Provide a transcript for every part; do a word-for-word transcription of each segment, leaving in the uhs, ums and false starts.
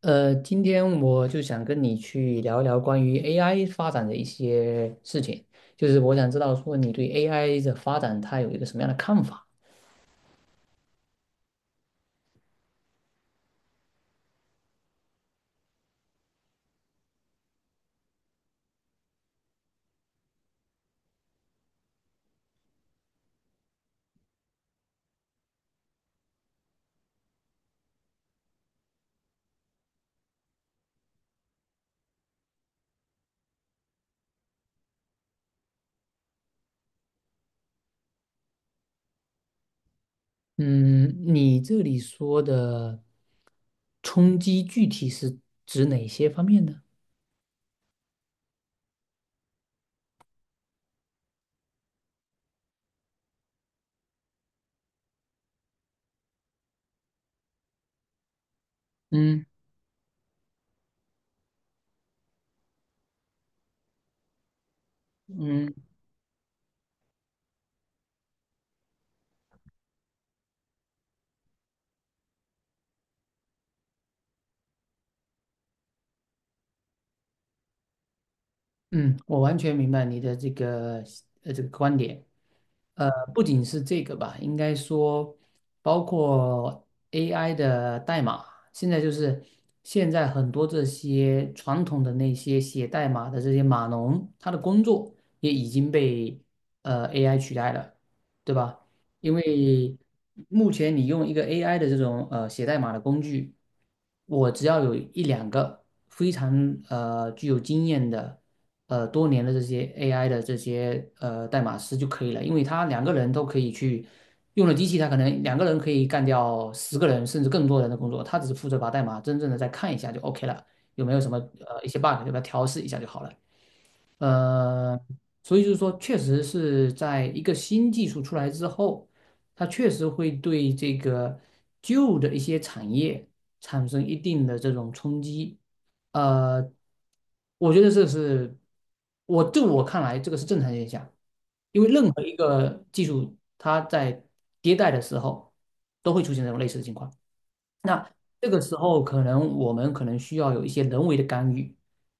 呃，今天我就想跟你去聊一聊关于 A I 发展的一些事情，就是我想知道说你对 A I 的发展它有一个什么样的看法？嗯，你这里说的冲击具体是指哪些方面呢？嗯嗯嗯，我完全明白你的这个呃这个观点。呃，不仅是这个吧，应该说包括 A I 的代码，现在就是现在很多这些传统的那些写代码的这些码农，他的工作也已经被呃 A I 取代了，对吧？因为目前你用一个 A I 的这种呃写代码的工具，我只要有一两个非常呃具有经验的。呃多年的这些 A I 的这些呃代码师就可以了，因为他两个人都可以去用了机器，他可能两个人可以干掉十个人甚至更多人的工作，他只是负责把代码真正的再看一下就 OK 了，有没有什么呃一些 bug 对吧？调试一下就好了。呃，所以就是说，确实是在一个新技术出来之后，它确实会对这个旧的一些产业产生一定的这种冲击。呃，我觉得这是我就我看来，这个是正常现象，因为任何一个技术它在迭代的时候都会出现这种类似的情况。那这个时候，可能我们可能需要有一些人为的干预。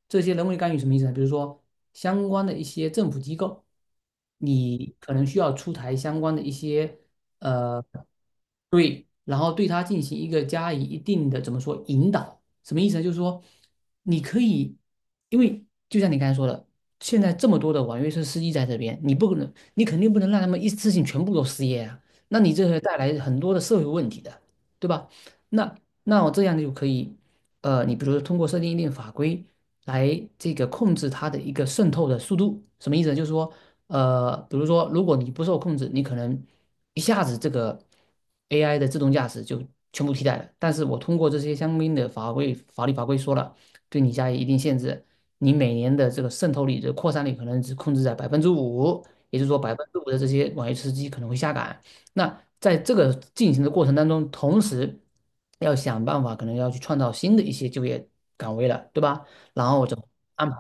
这些人为干预什么意思呢？比如说，相关的一些政府机构，你可能需要出台相关的一些呃，对，然后对它进行一个加以一定的怎么说引导？什么意思呢？就是说，你可以，因为就像你刚才说的，现在这么多的网约车司机在这边，你不可能，你肯定不能让他们一次性全部都失业啊，那你这会带来很多的社会问题的，对吧？那那我这样就可以，呃，你比如说通过设定一定法规来这个控制它的一个渗透的速度，什么意思呢？就是说，呃，比如说如果你不受控制，你可能一下子这个 A I 的自动驾驶就全部替代了。但是我通过这些相应的法规法律法规说了，对你加以一定限制，你每年的这个渗透率的扩散率可能只控制在百分之五，也就是说百分之五的这些网约车司机可能会下岗。那在这个进行的过程当中，同时要想办法，可能要去创造新的一些就业岗位了，对吧？然后我就安排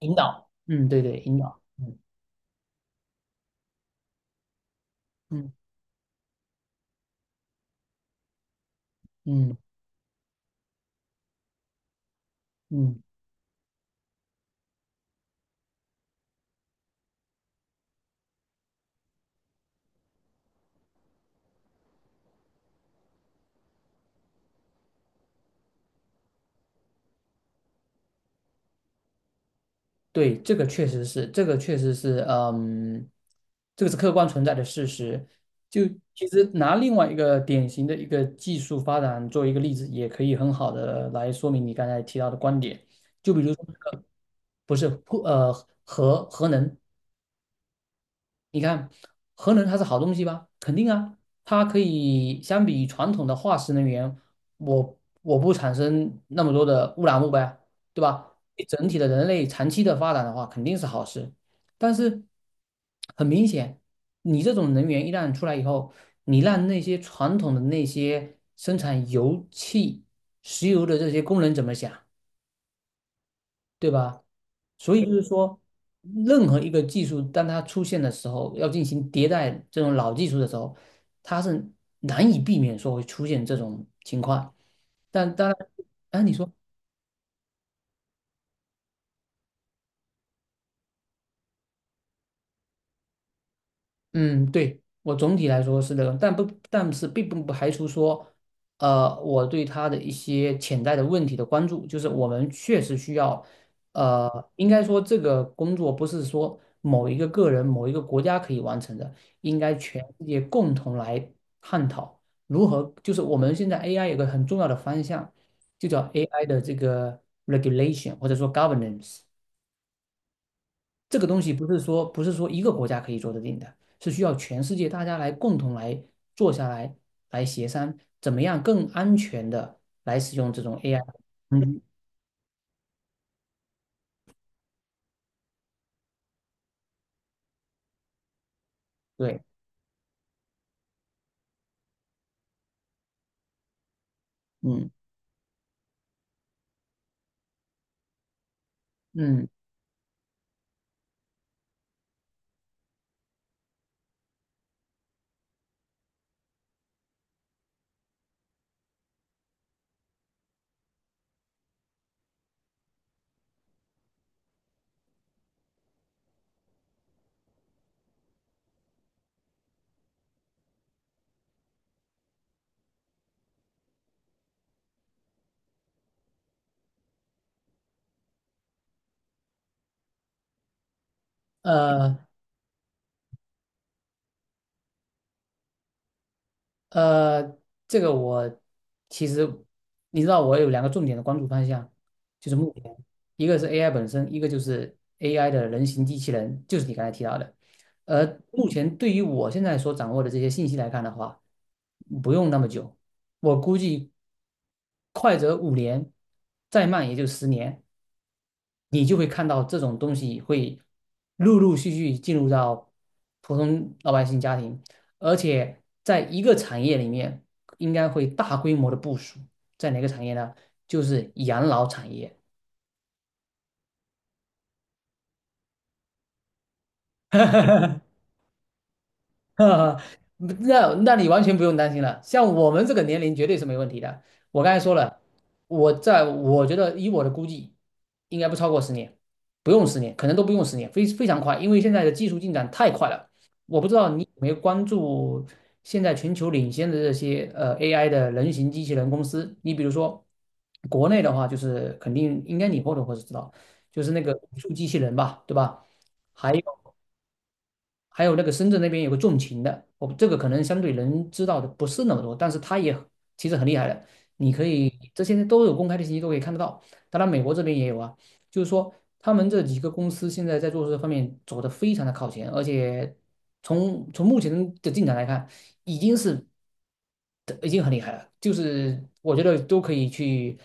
引导？嗯，对对，引导。嗯嗯嗯嗯，对，这个确实是，这个确实是，嗯，这个是客观存在的事实。就其实拿另外一个典型的一个技术发展作为一个例子，也可以很好的来说明你刚才提到的观点。就比如说那个，不是，呃，核核能。你看，核能它是好东西吧？肯定啊，它可以相比传统的化石能源，我我不产生那么多的污染物呗，对吧？对整体的人类长期的发展的话，肯定是好事。但是很明显，你这种能源一旦出来以后，你让那些传统的那些生产油气、石油的这些工人怎么想？对吧？所以就是说，任何一个技术当它出现的时候，要进行迭代这种老技术的时候，它是难以避免说会出现这种情况。但当然，哎，你说。嗯，对，我总体来说是这个，但不，但是并不不排除说，呃，我对他的一些潜在的问题的关注，就是我们确实需要，呃，应该说这个工作不是说某一个个人、某一个国家可以完成的，应该全世界共同来探讨如何，就是我们现在 A I 有个很重要的方向，就叫 A I 的这个 regulation 或者说 governance。这个东西不是说不是说一个国家可以做得定的，是需要全世界大家来共同来坐下来来协商，怎么样更安全的来使用这种 A I 嗯，对，嗯嗯，呃，呃，这个我其实你知道，我有两个重点的关注方向，就是目前一个是 A I 本身，一个就是 A I 的人形机器人，就是你刚才提到的。而目前对于我现在所掌握的这些信息来看的话，不用那么久，我估计快则五年，再慢也就十年。你就会看到这种东西会陆陆续续进入到普通老百姓家庭，而且在一个产业里面，应该会大规模的部署。在哪个产业呢？就是养老产业。那那你完全不用担心了，像我们这个年龄绝对是没问题的。我刚才说了，我在我觉得以我的估计，应该不超过十年，不用十年，可能都不用十年，非非常快，因为现在的技术进展太快了。我不知道你有没有关注现在全球领先的这些呃 A I 的人形机器人公司，你比如说国内的话，就是肯定应该你或者或会知道，就是那个语数机器人吧，对吧？还。还有那个深圳那边有个纵情的，我这个可能相对人知道的不是那么多，但是他也其实很厉害的。你可以这些都有公开的信息都可以看得到，当然美国这边也有啊。就是说，他们这几个公司现在在做这方面走的非常的靠前，而且从从目前的进展来看，已经是已经很厉害了。就是我觉得都可以去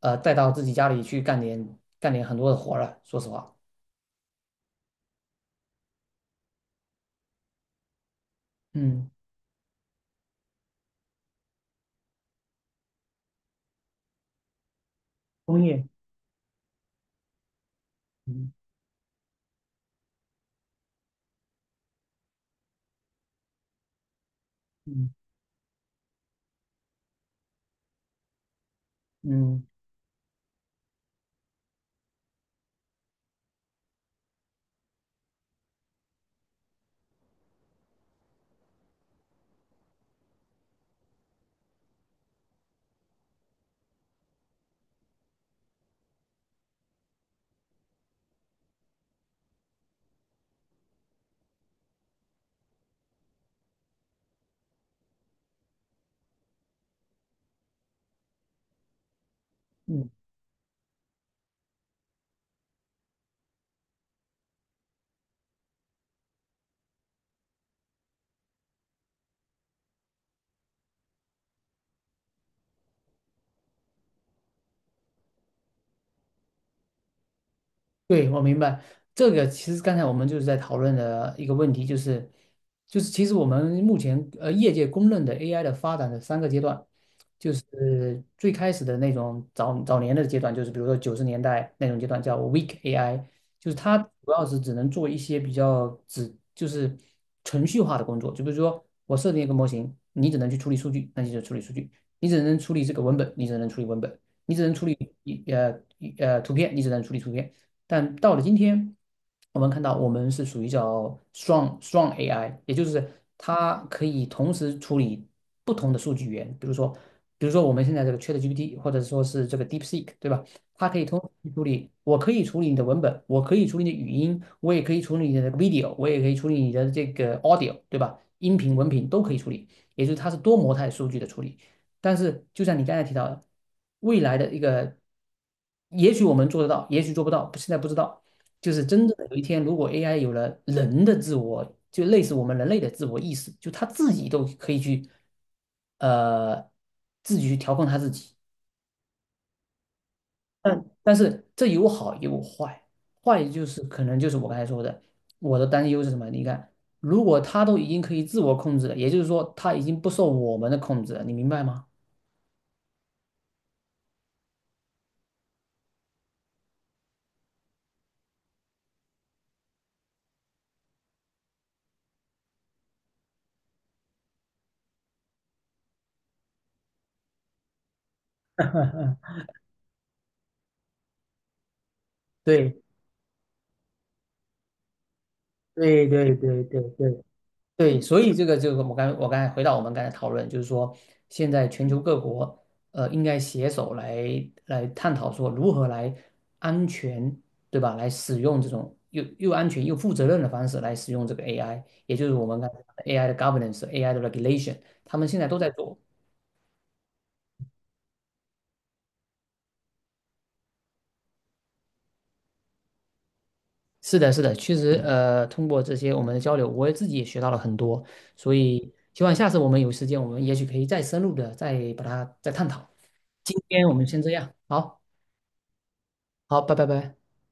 呃带到自己家里去干点干点很多的活儿了。说实话，嗯，工业，嗯嗯嗯。嗯，对，我明白。这个其实刚才我们就是在讨论的一个问题，就是就是其实我们目前呃业界公认的 A I 的发展的三个阶段，就是最开始的那种早早年的阶段，就是比如说九十年代那种阶段叫 weak A I，就是它主要是只能做一些比较只就是程序化的工作，就比如说我设定一个模型，你只能去处理数据，那你就处理数据；你只能处理这个文本，你只能处理文本。你只能处理一呃一呃图片，你只能处理图片，但到了今天，我们看到我们是属于叫 strong strong A I，也就是它可以同时处理不同的数据源，比如说，比如说我们现在这个 ChatGPT，或者说是这个 DeepSeek，对吧？它可以同时处理，我可以处理你的文本，我可以处理你的语音，我也可以处理你的那个 video，我也可以处理你的这个 audio，对吧？音频、文频都可以处理，也就是它是多模态数据的处理。但是就像你刚才提到的，未来的一个，也许我们做得到，也许做不到，现在不知道。就是真正的有一天，如果 A I 有了人的自我，就类似我们人类的自我意识，就他自己都可以去，呃，自己去调控他自己。但但是这有好也有坏，坏就是可能就是我刚才说的，我的担忧是什么？你看，如果他都已经可以自我控制了，也就是说他已经不受我们的控制了，你明白吗？对，对对对对对对，所以这个这个，我刚我刚才回到我们刚才讨论，就是说，现在全球各国呃应该携手来来探讨说如何来安全，对吧？来使用这种又又安全又负责任的方式来使用这个 A I，也就是我们刚才讲的 A I 的 governance、A I 的 regulation，他们现在都在做。是的，是的，确实，呃，通过这些我们的交流，我也自己也学到了很多，所以希望下次我们有时间，我们也许可以再深入的再把它再探讨。今天我们先这样，好，好，拜拜拜。